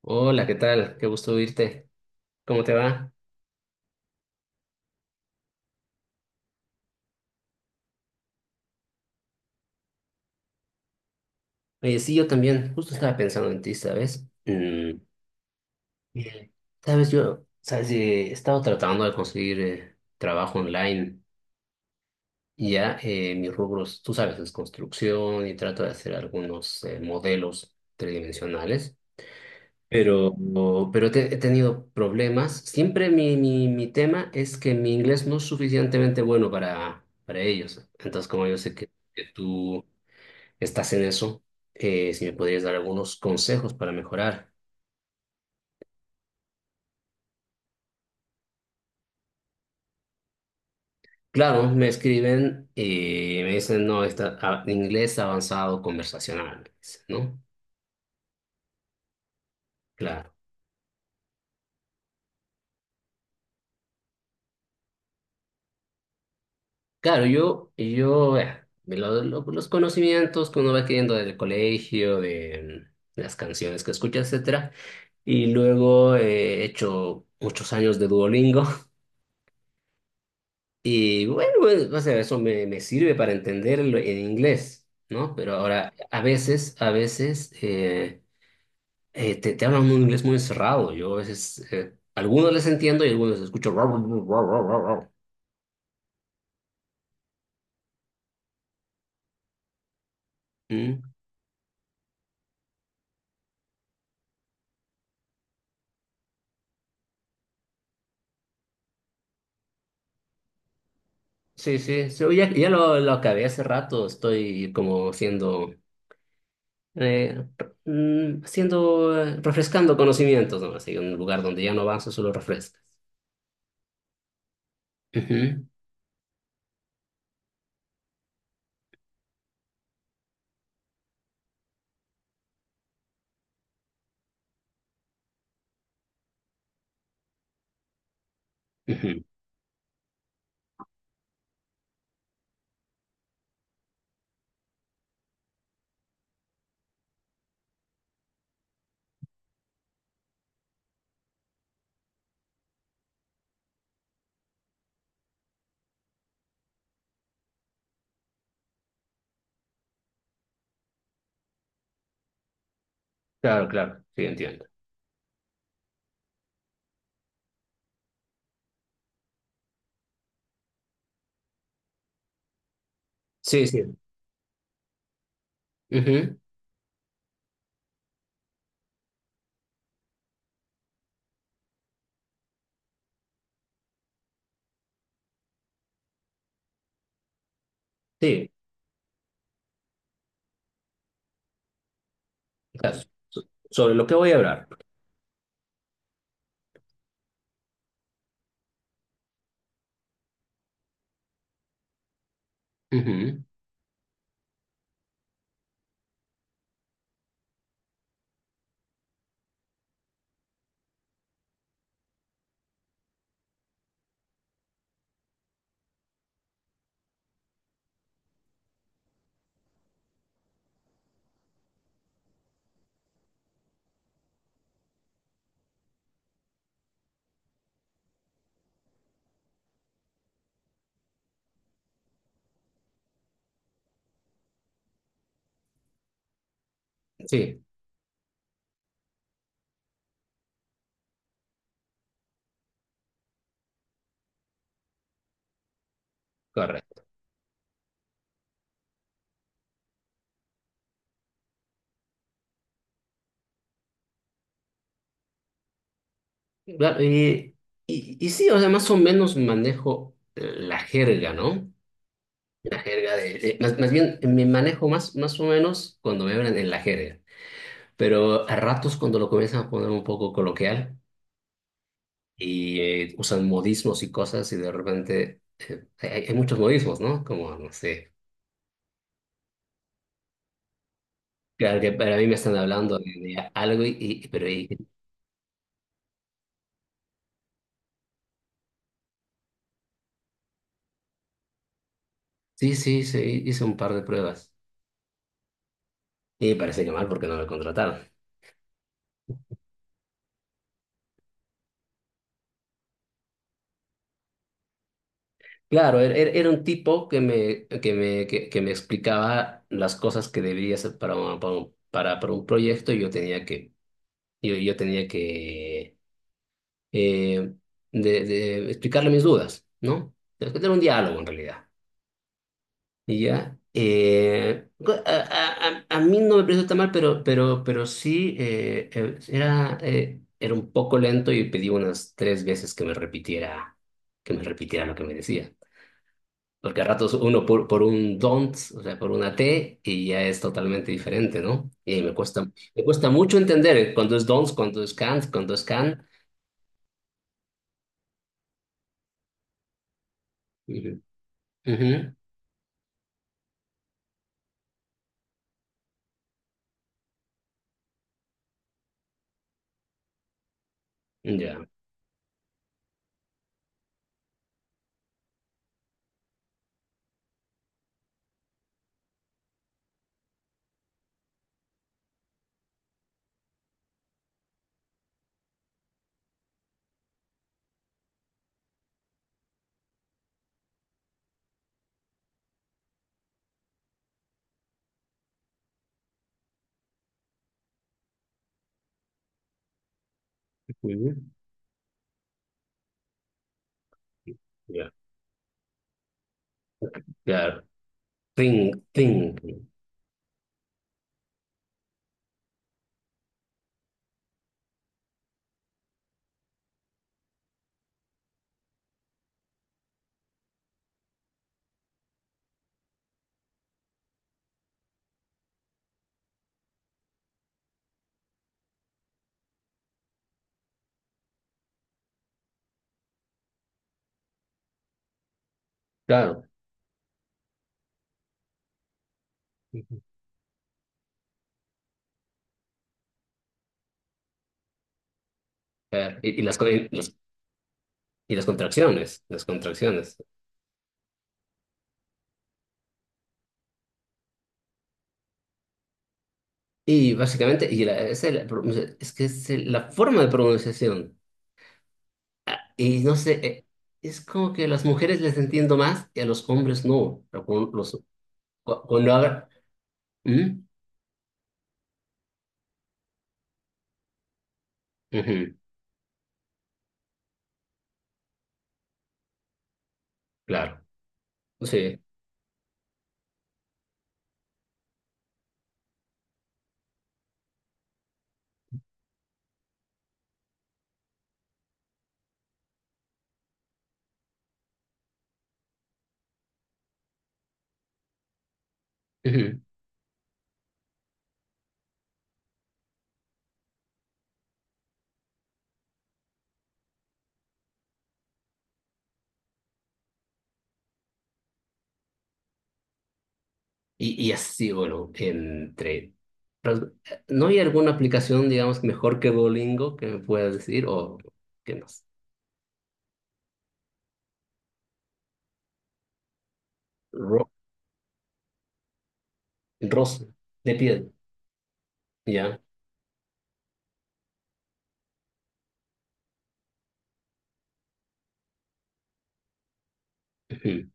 Hola, ¿qué tal? Qué gusto oírte. ¿Cómo te va? Sí, yo también. Justo estaba pensando en ti, ¿sabes? Eh, sabes, he estado tratando de conseguir trabajo online. Y ya, mis rubros, tú sabes, es construcción y trato de hacer algunos modelos tridimensionales. Pero, pero he tenido problemas. Siempre mi tema es que mi inglés no es suficientemente bueno para ellos. Entonces, como yo sé que tú estás en eso, si me podrías dar algunos consejos para mejorar. Claro, me escriben y me dicen, no, inglés avanzado conversacional, me dicen, ¿no? Claro. Claro, yo, de lo- los conocimientos que uno va adquiriendo del colegio, de las canciones que escucha, etcétera. Y luego, he hecho muchos años de Duolingo. Y bueno, pues, o sea, eso me sirve para entenderlo en inglés, ¿no? Pero ahora, a veces te hablan un inglés muy cerrado. Yo a veces, algunos les entiendo y algunos escucho. "Rau, rau, rau, rau, rau, rau, rau". ¿Mm? Sí, sí, sí, ya, lo acabé hace rato. Estoy como eh, siendo, refrescando conocimientos, ¿no? Así, un lugar donde ya no avanzo, solo refrescas. Ujú, ujú. Claro, claro, sí, entiendo. Sí, sí. Ujú. Sí. O sea, so- sobre lo que voy a hablar. Ujú. Sí. Correcto. Claro, y sí, o sea, más o menos manejo la jerga, ¿no? La jerga de, más, más bien me manejo más, más o menos cuando me hablan en la jerga, pero a ratos cuando lo comienzan a poner un poco coloquial y usan modismos y cosas y de repente, hay muchos modismos, ¿no? Como, no sé, claro que para mí me están hablando de algo y pero sí, sí, sí, hice un par de pruebas. Y parece que mal porque no me contrataron. Claro, era un tipo que me explicaba las cosas que debería hacer para un proyecto y yo tenía yo tenía que eh, de explicarle mis dudas, ¿no? Era un diálogo en realidad. Y ya, a mí no me pareció tan mal, pero, pero sí, era un poco lento y pedí unas tres veces que me repitiera lo que me decía. Porque a ratos uno por un don't, o sea, por una T, y ya es totalmente diferente, ¿no? Y me cuesta mucho entender, cuando es don't, cuando es can't, cuando es can. Ujú. Ujú. Ya. Ujú. Ya. Claro. Thing, thing. Claro. Ujú. Claro. Y las, co- y las contracciones, las contracciones. Y básicamente, es que es la forma de pronunciación. Y no sé, es como que a las mujeres les entiendo más y a los hombres no. Pero con los, cuando haga... ¿Mm? Ujú, claro, sí. Ujú. Y así, bueno, entre... pero, ¿no hay alguna aplicación, digamos, mejor que Duolingo que me puedas decir? O qué más. Ro Rosa, de piel, ya. Ujú.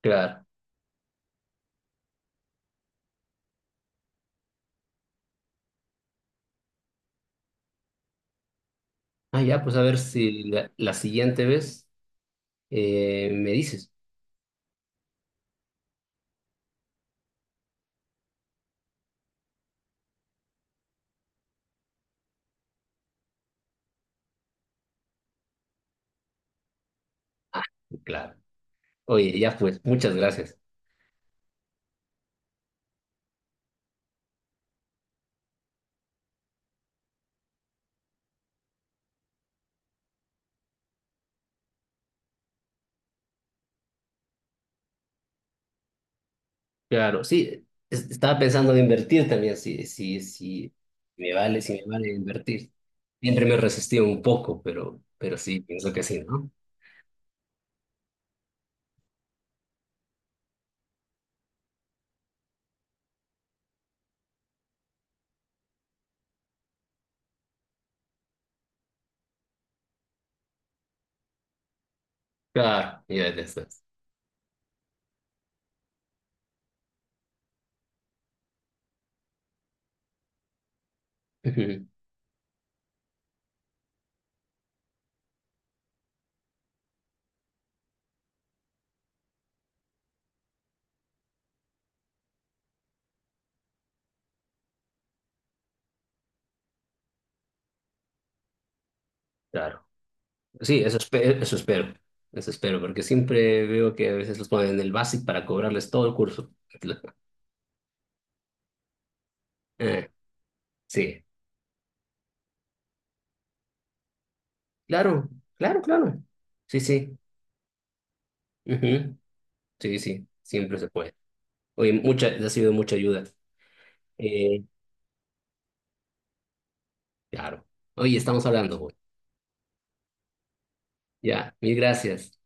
Claro. Ah, ya, pues a ver si la siguiente vez, me dices. Ah, claro. Oye, ya pues, muchas gracias. Claro, sí, estaba pensando en invertir también, si me vale, si me vale invertir. Siempre me resistí un poco, pero sí, pienso que sí, ¿no? Claro, ya ya estás. Ujú. Claro. Sí, eso espero, eso espero, eso espero, porque siempre veo que a veces los ponen en el básico para cobrarles todo el curso. Eh, sí, claro, claro, claro. Sí, sí. Ujú. Sí, sí, siempre se puede. Oye, mucha, ha sido mucha ayuda. Eh, claro. Oye, estamos hablando. Ya, mil gracias.